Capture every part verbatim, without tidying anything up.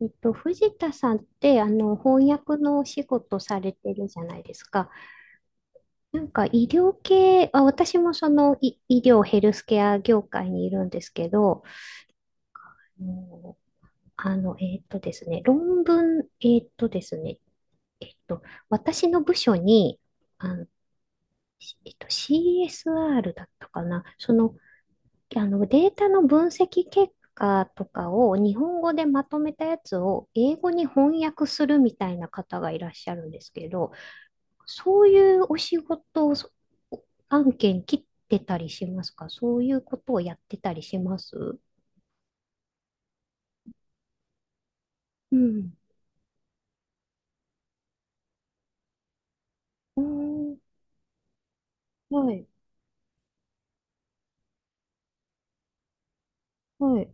えっと、藤田さんって、あの、翻訳のお仕事されてるじゃないですか。なんか医療系、あ、私もその医、医療ヘルスケア業界にいるんですけど、もうあの、えっとですね、論文、えっとですね、えっと、私の部署に、あの、しえっと、シーエスアール だったかな、そのあの、データの分析結果とかを日本語でまとめたやつを英語に翻訳するみたいな方がいらっしゃるんですけど、そういうお仕事をそ案件切ってたりしますか？そういうことをやってたりします？うん。うん、はい、はい。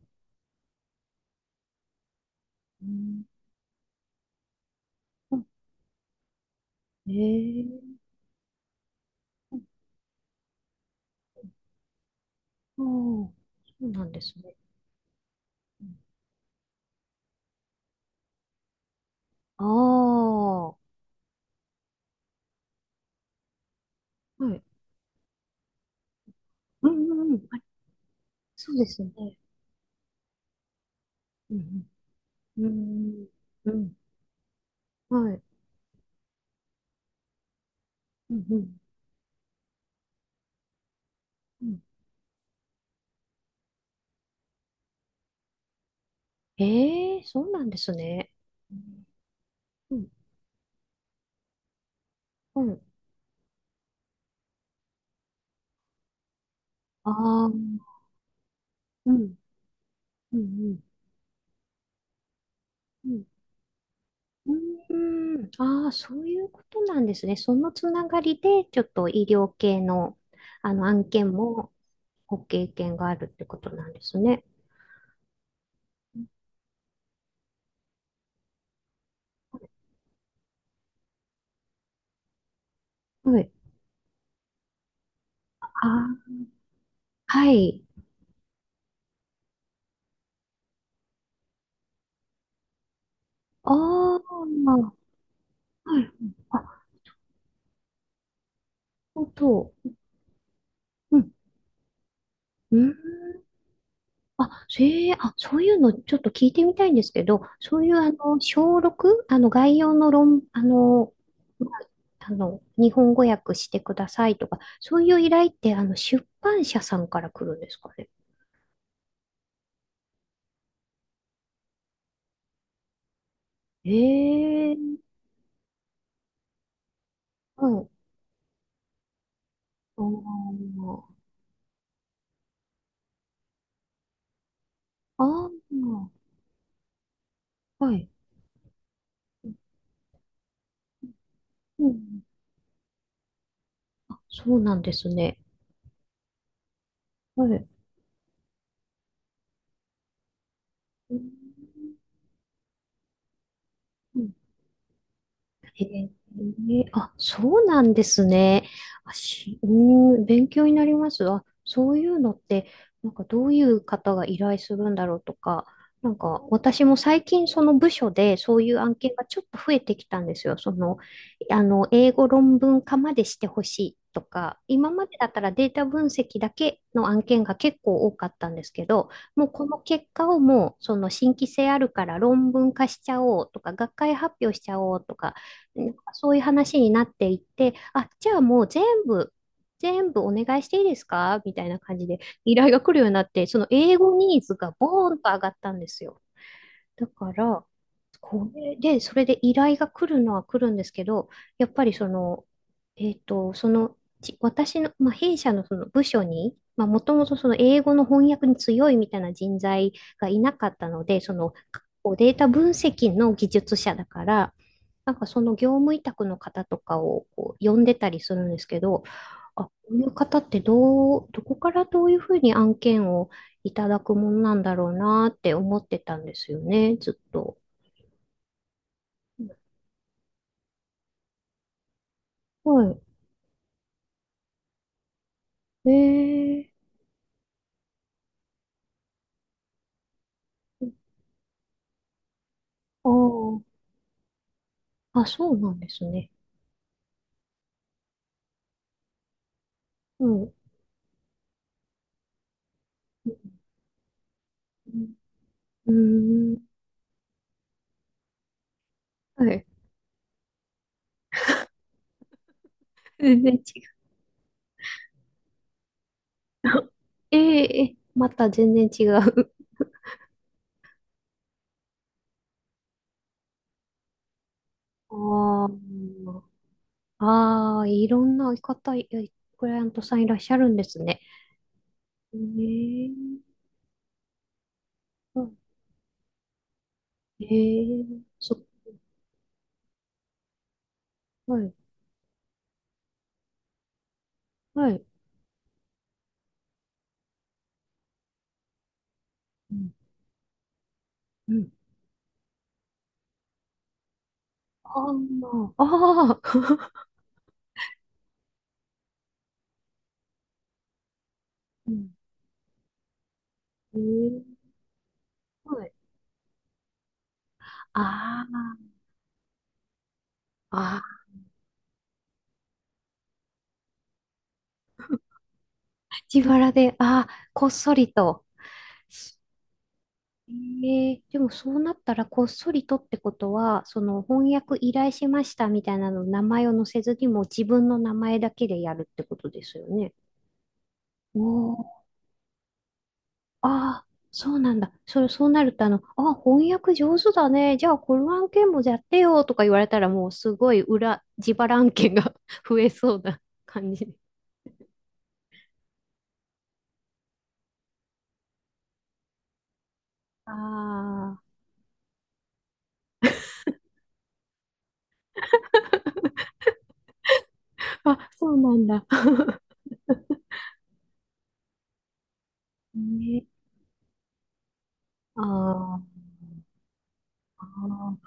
うん、あええああ、そうなんですね。ああ、はい。うんうんうん。あ、そうですね。うんうん。うん。うんはい。うんうん。うん。ええそうなんですね。うん。うん。ああ、うん。うんうん。うん。うーん。ああ、そういうことなんですね。そのつながりで、ちょっと医療系の、あの案件もご経験があるってことなんですね。はい。ああ、はい。ああ、はい。あ、本当。うん。うんあ、それ、あ、そういうのちょっと聞いてみたいんですけど、そういうあの、小しょうろく、あの、概要の論、あの、まああの、日本語訳してくださいとか、そういう依頼って、あの、出版社さんから来るんですかね。ええうん。ああ、ああ、はい。うん。そうなんですね。はい。うんへえーあ、そうなんですね。あ、し、うーん、勉強になります。あ、そういうのって、なんかどういう方が依頼するんだろうとか、なんか私も最近その部署でそういう案件がちょっと増えてきたんですよ。その、あの、英語論文化までしてほしいとか、今までだったらデータ分析だけの案件が結構多かったんですけど、もうこの結果をもうその新規性あるから論文化しちゃおうとか、学会発表しちゃおうとか、なんかそういう話になっていって、あ、じゃあもう全部、全部お願いしていいですかみたいな感じで依頼が来るようになって、その英語ニーズがボーンと上がったんですよ。だから、これで、それで依頼が来るのは来るんですけど、やっぱりその、えっと、その、ち私の、まあ、弊社のその部署に、まあ、もともとその英語の翻訳に強いみたいな人材がいなかったので、その、こうデータ分析の技術者だから、なんかその業務委託の方とかをこう呼んでたりするんですけど、あ、こういう方ってどう、どこからどういうふうに案件をいただくもんなんだろうなって思ってたんですよね、ずっと。はい。えー、あーあ、そうなんですね。うん。うーん。はい。全然違う。えええまた全然違う。あーあー、いろんな方、いクライアントさんいらっしゃるんですね。えー、うんえー、そ、はい、はい。うん、うん。あーまあ、あー、えー、はい。あーあー、自腹で、ああ、こっそりと。ええでもそうなったら、こっそりとってことは、その翻訳依頼しましたみたいなの、名前を載せずにもう自分の名前だけでやるってことですよね。おー、ああ、そうなんだ。それ、そうなると、あの、あ翻訳上手だね。じゃあ、この案件もやってよとか言われたら、もうすごい裏、自腹案件が 増えそうな感じ。ああ、あ、そうなんだ。ねあーあ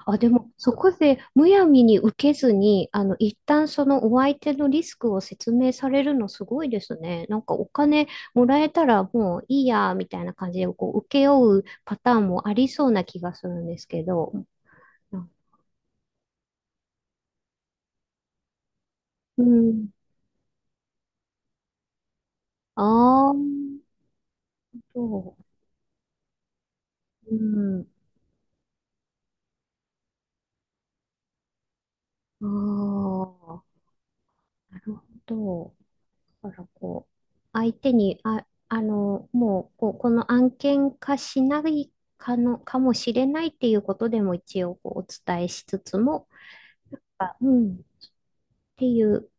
ー、あでも、そこでむやみに受けずに、あの、一旦そのお相手のリスクを説明されるのすごいですね。なんかお金もらえたらもういいや、みたいな感じで、こう、請け負うパターンもありそうな気がするんですけど。うん。ああ、そう。うん。ああ、なるほど。だからこう、相手に、あ、あの、もう、こう、この案件化しないかの、かもしれないっていうことでも一応こうお伝えしつつも、あうん、っていう、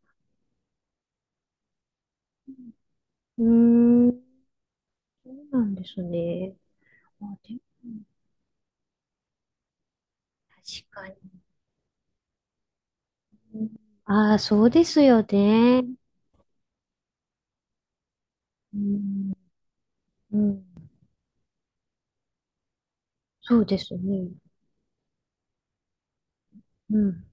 うーん、そうなんですね。あ、でも、確かに。ああ、そうですよね。うん、うん、そうですね。うん。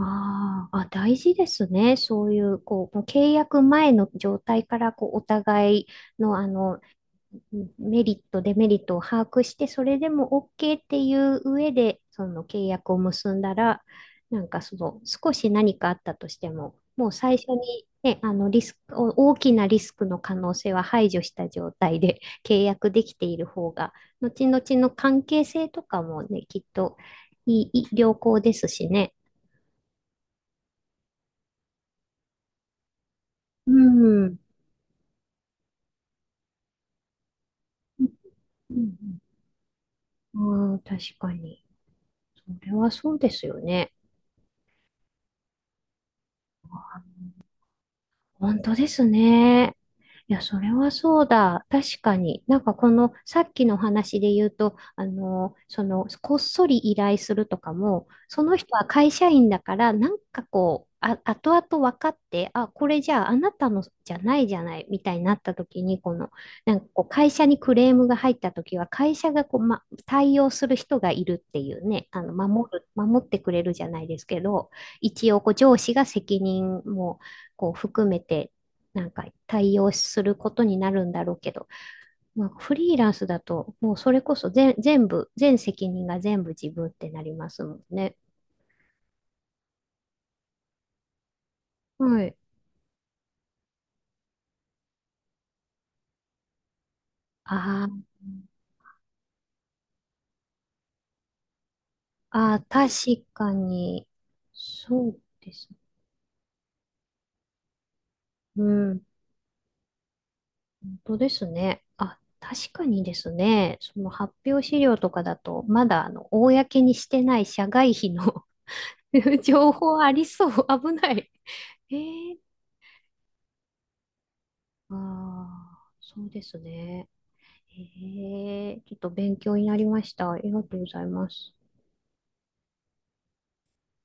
あーあ、大事ですね。そういう、こう、もう契約前の状態から、こう、お互いの、あの、うんメリット、デメリットを把握して、それでも OK っていう上で、その契約を結んだら、なんかその少し何かあったとしても、もう最初に、ね、あのリスク、お大きなリスクの可能性は排除した状態で 契約できている方が、後々の関係性とかもね、きっといい、いい良好ですしね。うん。うんうんああ、確かに。それはそうですよね。本当ですね。いや、それはそうだ。確かに。なんかこの、さっきの話で言うと、あの、その、こっそり依頼するとかも、その人は会社員だから、なんかこう、あ、後々分かって、あ、これじゃああなたのじゃないじゃない、みたいになった時に、この、なんかこう、会社にクレームが入った時は、会社がこう、ま、対応する人がいるっていうね、あの、守る、守ってくれるじゃないですけど、一応、こう、上司が責任も、こう含めてなんか対応することになるんだろうけど、まあ、フリーランスだともうそれこそ全全部全責任が全部自分ってなりますもんね。はい。あーあー、確かにそうですね。うん、本当ですね。あ、確かにですね。その発表資料とかだと、まだあの公にしてない社外費の 情報ありそう。危ない。えーああ、そうですね。ええ、ちょっと勉強になりました。ありがとうございます。